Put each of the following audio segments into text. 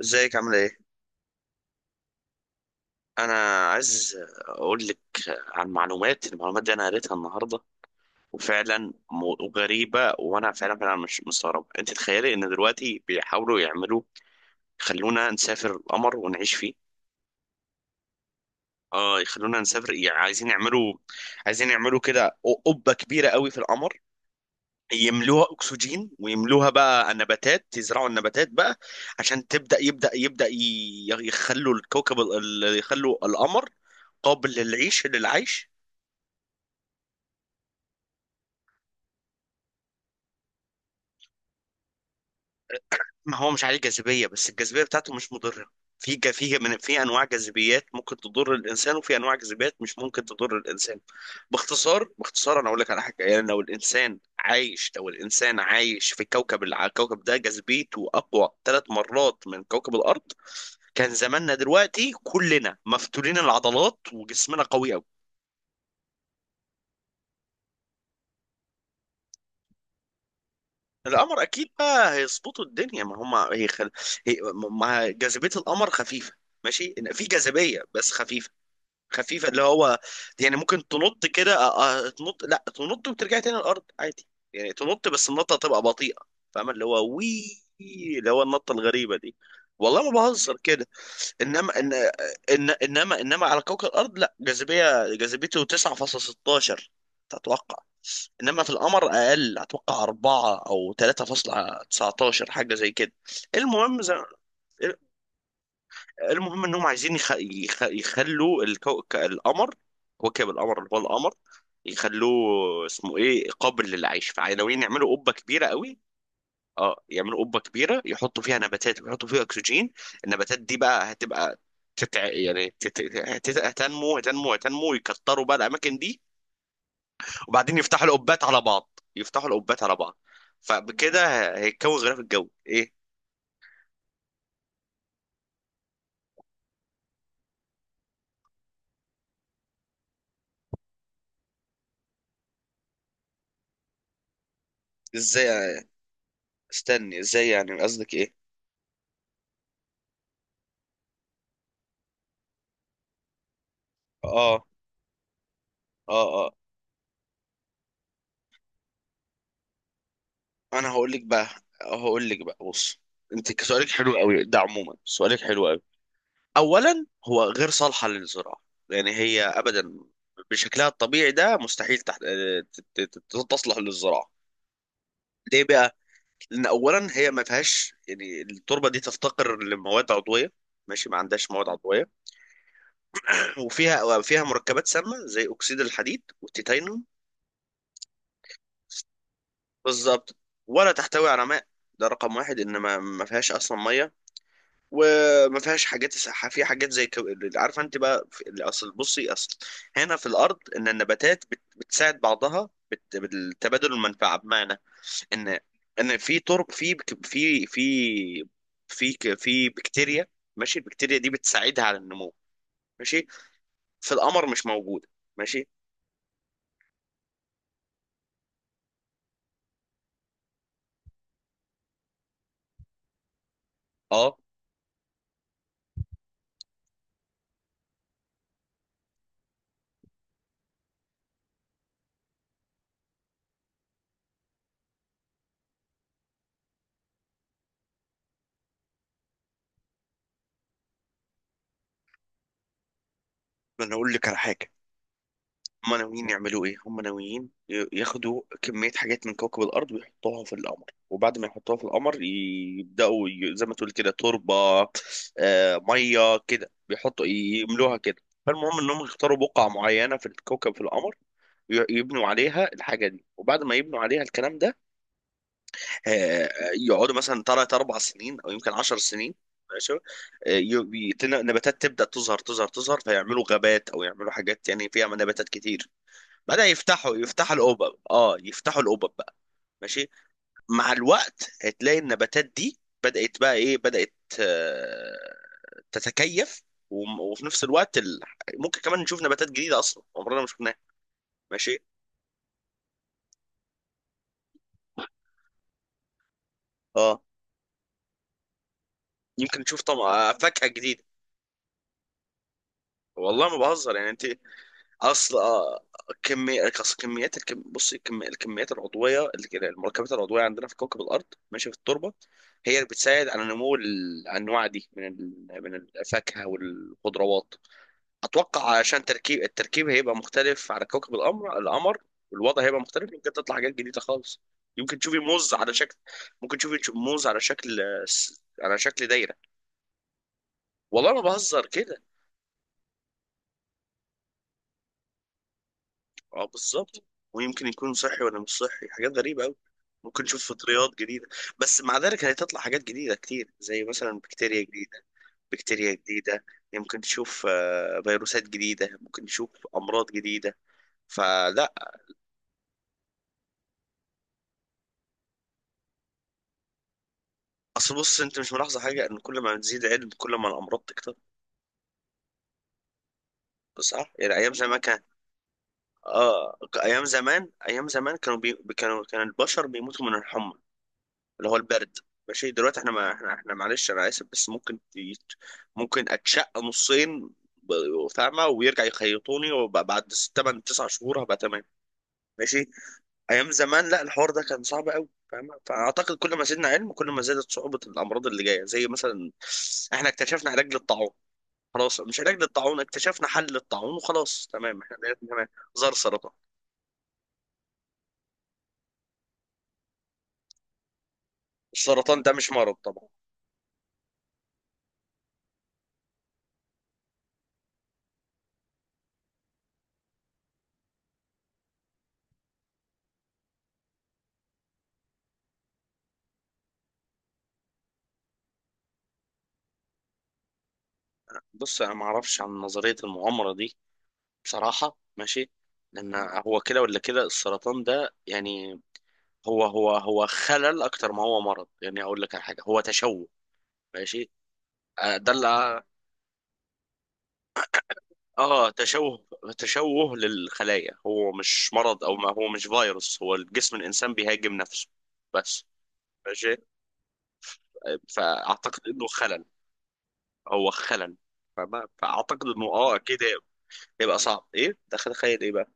ازيك عامل ايه؟ انا عايز اقول لك عن المعلومات دي، انا قريتها النهارده. وفعلا غريبه. وانا فعلا فعلا مش مستغرب. انت تخيلي ان دلوقتي بيحاولوا يعملوا، يخلونا نسافر القمر ونعيش فيه. اه، يخلونا نسافر. يعني عايزين يعملوا كده قبه كبيره قوي في القمر. يملوها اكسجين، ويملوها بقى نباتات، يزرعوا النباتات بقى عشان تبدا، يخلوا الكوكب، يخلوا القمر قابل للعيش. ما هو مش عليه جاذبية، بس الجاذبية بتاعته مش مضرة. في ج- في من في انواع جاذبيات ممكن تضر الانسان، وفي انواع جاذبيات مش ممكن تضر الانسان. باختصار، انا اقول لك على حاجه: يعني لو الانسان عايش، في كوكب، الكوكب ده جاذبيته اقوى 3 مرات من كوكب الارض، كان زماننا دلوقتي كلنا مفتولين العضلات، وجسمنا قوي قوي. القمر اكيد بقى هيظبطوا الدنيا، ما هم هي... ما جاذبيه القمر خفيفه. ماشي، في جاذبيه بس خفيفه. خفيفه، اللي هو يعني ممكن تنط كده. تنط، لا تنط وترجع تاني الارض عادي. يعني تنط، بس النطه تبقى بطيئه. فاهم؟ اللي هو وي، اللي هو النطه الغريبه دي. والله ما بهزر كده. انما إن إن انما انما على كوكب الارض لا جاذبيه، جاذبيته 9.16، تتوقع؟ انما في القمر اقل، اتوقع 4 او 3.19، حاجه زي كده. المهم زي المهم انهم عايزين يخلوا القمر، كوكب القمر، اللي هو القمر، يخلوه اسمه ايه، قابل للعيش. فناويين يعملوا قبه كبيره قوي. اه، يعملوا قبه كبيره، يحطوا فيها نباتات، ويحطوا فيها اكسجين. النباتات دي بقى هتبقى، تتع... يعني تت... هت- هتنمو هتنمو هتنمو، ويكتروا بقى الاماكن دي. وبعدين يفتحوا القبات على بعض، فبكده هيتكون غلاف الجوي ايه. ازاي يعني؟ استني، ازاي يعني؟ قصدك ايه؟ اه، اه، آه. انا هقول لك بقى، بص: انت سؤالك حلو قوي ده، عموما سؤالك حلو قوي. اولا، هو غير صالحه للزراعه. يعني هي ابدا بشكلها الطبيعي ده مستحيل تحت... ت- ت- ت- تصلح للزراعه. ليه بقى؟ لان اولا هي ما فيهاش، يعني التربه دي تفتقر لمواد عضويه. ماشي، ما عندهاش مواد عضويه. وفيها مركبات سامه زي اكسيد الحديد والتيتانيوم. بالظبط. ولا تحتوي على ماء. ده رقم واحد، ان ما فيهاش اصلا ميه، وما فيهاش حاجات. في حاجات زي كو... عارفه انت بقى في... اصل بصي اصل هنا في الارض، ان النباتات بتساعد بعضها، بالتبادل المنفعه. بمعنى ان ان في ترب في بك- في في في ك- في بكتيريا. ماشي، البكتيريا دي بتساعدها على النمو. ماشي. في القمر مش موجوده. ماشي، اه. ما انا اقول لك على حاجه: هم ناويين يعملوا ايه؟ هم ناويين ياخدوا كمية حاجات من كوكب الارض ويحطوها في القمر، وبعد ما يحطوها في القمر يبدأوا، زي ما تقول كده تربة. مية كده بيحطوا، يملوها كده. فالمهم انهم يختاروا بقعة معينة في الكوكب، في القمر، يبنوا عليها الحاجة دي، وبعد ما يبنوا عليها الكلام ده آه، يقعدوا مثلا تلات أربع سنين أو يمكن 10 سنين. ماشي. نباتات تبدأ تظهر، فيعملوا غابات، أو يعملوا حاجات يعني فيها نباتات كتير. بدأ يفتحوا، الأوبب، اه، يفتحوا الأوبب بقى. ماشي. مع الوقت هتلاقي النباتات دي بدأت بقى ايه، بدأت آه، تتكيف. وفي نفس الوقت، ممكن كمان نشوف نباتات جديدة أصلا عمرنا ما شفناها. ماشي، اه. يمكن نشوف طبعا فاكهة جديدة. والله ما بهزر، يعني انت! اصل آه، كمية أصل كميات الكم... بصي كمي... الكميات العضويه، المركبات العضويه عندنا في كوكب الارض، ماشي، في التربه، هي اللي بتساعد على نمو الانواع دي من الفاكهه والخضروات. اتوقع عشان التركيب هيبقى مختلف على كوكب القمر، القمر، والوضع هيبقى مختلف، يمكن تطلع حاجات جديده خالص. يمكن تشوفي موز على شكل ممكن تشوفي موز على شكل، على شكل دايره. والله ما بهزر كده. اه، بالظبط. ويمكن يكون صحي ولا مش صحي، حاجات غريبة أوي. ممكن نشوف فطريات جديدة. بس مع ذلك هتطلع حاجات جديدة كتير، زي مثلا بكتيريا جديدة، بكتيريا جديدة يمكن تشوف فيروسات جديدة، ممكن تشوف أمراض جديدة. فلا. أصل بص، أنت مش ملاحظة حاجة؟ إن كل ما بتزيد علم كل ما الأمراض تكتر. صح؟ يعني أيام زمان كان، آه، أيام زمان كانوا بي... كانوا كان البشر بيموتوا من الحمى، اللي هو البرد. ماشي. دلوقتي احنا، ما احنا، معلش انا اسف، بس ممكن اتشق نصين، فاهمه، ويرجع يخيطوني، وبعد 8-9 شهور هبقى تمام. ماشي. ايام زمان لا، الحوار ده كان صعب قوي، فاهمه؟ فاعتقد كل ما زدنا علم كل ما زادت صعوبه الامراض اللي جايه، زي مثلا احنا اكتشفنا علاج للطاعون. خلاص، مش علاج للطاعون، اكتشفنا حل للطاعون، وخلاص تمام، احنا بقينا تمام. ظهر سرطان. السرطان ده مش مرض طبعا. بص، انا ما اعرفش عن نظريه المؤامره دي بصراحة. ماشي. لأن هو كده ولا كده السرطان ده، يعني هو خلل أكتر ما هو مرض. يعني أقول لك على حاجة: هو تشوه. ماشي. آه، ده اللي آه آه، تشوه، تشوه للخلايا. هو مش مرض، أو ما هو مش فيروس، هو الجسم الإنسان بيهاجم نفسه بس. ماشي. فأعتقد إنه خلل. هو خلل. فأعتقد إنه، آه، أكيد هيبقى صعب. إيه ده؟ تخيل إيه بقى.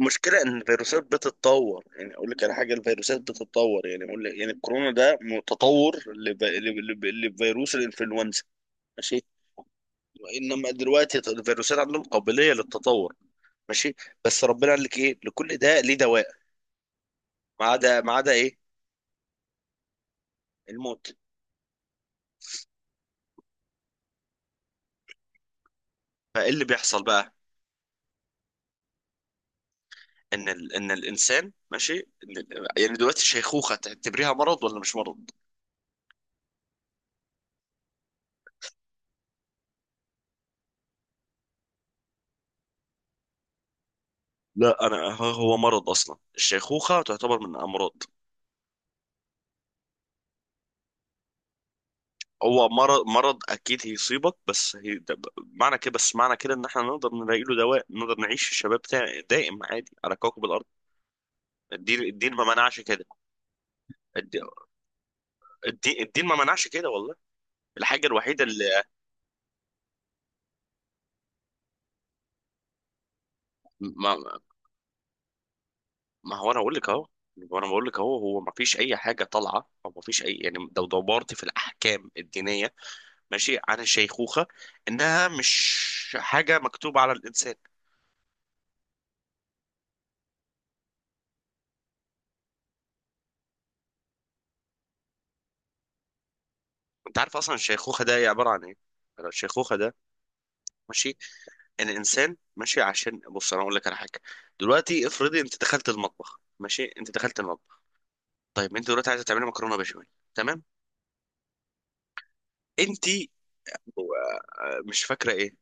المشكلة إن الفيروسات بتتطور. يعني أقول لك على حاجة: الفيروسات بتتطور. يعني أقول لك، يعني الكورونا ده متطور، لفيروس الإنفلونزا. ماشي. إنما دلوقتي الفيروسات عندهم قابلية للتطور. ماشي. بس ربنا قال لك إيه؟ لكل ده ليه دواء، ما عدا إيه؟ الموت. فإيه اللي بيحصل بقى؟ إن إن الإنسان، ماشي، يعني دلوقتي الشيخوخة تعتبريها مرض ولا مش مرض؟ لا، أنا هو مرض أصلا، الشيخوخة تعتبر من الأمراض. هو مرض، اكيد هيصيبك، بس هي ده، معنى كده، ان احنا نقدر نلاقي له دواء، نقدر نعيش الشباب بتاعي دائم عادي على كوكب الارض. الدين الدين ما منعش كده. الدين الدين ما منعش كده والله. الحاجه الوحيده اللي ما, ما هو انا اقول لك اهو. وانا بقول لك اهو، هو ما فيش اي حاجه طالعه، او ما فيش اي، يعني لو دورت في الاحكام الدينيه، ماشي، عن الشيخوخه، انها مش حاجه مكتوبه على الانسان. انت عارف اصلا الشيخوخه ده عباره عن ايه؟ الشيخوخه ده، ماشي، الانسان، ماشي، عشان بص انا اقول لك على حاجه: دلوقتي افرضي انت دخلت المطبخ، ماشي، انت دخلت المطبخ. طيب انت دلوقتي عايزه تعملي مكرونه بشاميل، تمام؟ انت آه، مش فاكره ايه،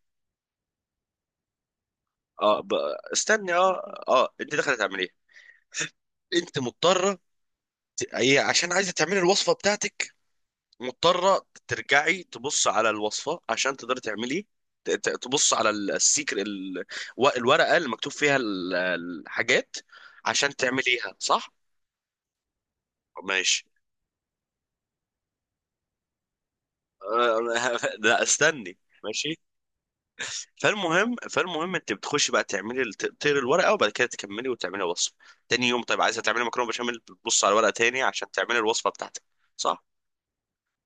اه، استني، اه، اه، انت دخلت تعمليها. انت مضطره، هي عشان عايزه تعملي الوصفه بتاعتك، مضطره ترجعي تبص على الوصفه عشان تقدري تعملي، تبص على السيكر، الورقه اللي مكتوب فيها الحاجات، عشان تعمليها صح. ماشي. لا استني. ماشي. فالمهم انت بتخشي بقى تعملي تقطيري الورقه، وبعد كده تكملي وتعملي وصفه. تاني يوم، طيب عايزه تعملي مكرونه بشاميل، بتبص على الورقه تاني عشان تعملي الوصفه بتاعتك. صح؟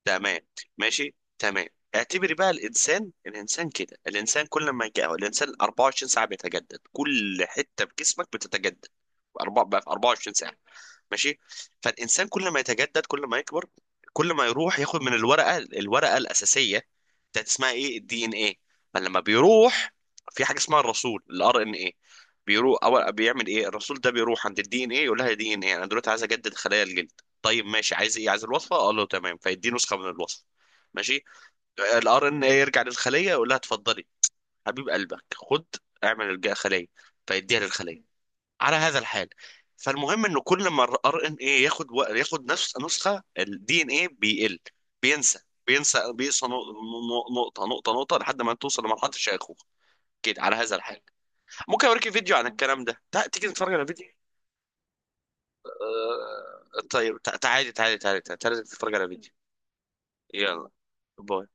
تمام. ماشي، تمام. اعتبري بقى الانسان، كده. الانسان كل ما يجي، الانسان 24 ساعه بيتجدد، كل حته في جسمك بتتجدد. بقى في 24 ساعه. ماشي. فالانسان كل ما يتجدد، كل ما يكبر، كل ما يروح ياخد من الورقه، الاساسيه بتاعت اسمها ايه، الدي ان ايه. فلما بيروح، في حاجه اسمها الرسول، الار ان ايه. بيروح اول، بيعمل ايه الرسول ده؟ بيروح عند الدي ان ايه يقول لها: دي ان ايه، انا دلوقتي عايز اجدد خلايا الجلد. طيب ماشي، عايز ايه؟ عايز الوصفه. قال له تمام، فيديه نسخه من الوصفه، ماشي. الار ان ايه يرجع للخليه يقول لها: اتفضلي حبيب قلبك، خد اعمل الخليه. فيديها للخليه، على هذا الحال. فالمهم انه كل ما الار ان ايه ياخد ياخد نفس نسخه الدي ان ايه، بيقل، بينسى بينسى نقطه، نقطه، لحد ما توصل لمرحله الشيخوخه. كده على هذا الحال. ممكن اوريك فيديو عن الكلام ده، تيجي نتفرج على فيديو؟ آه... طيب، تعالي تعالي تعالي تعالي تعالي نتفرج على فيديو. يلا باي.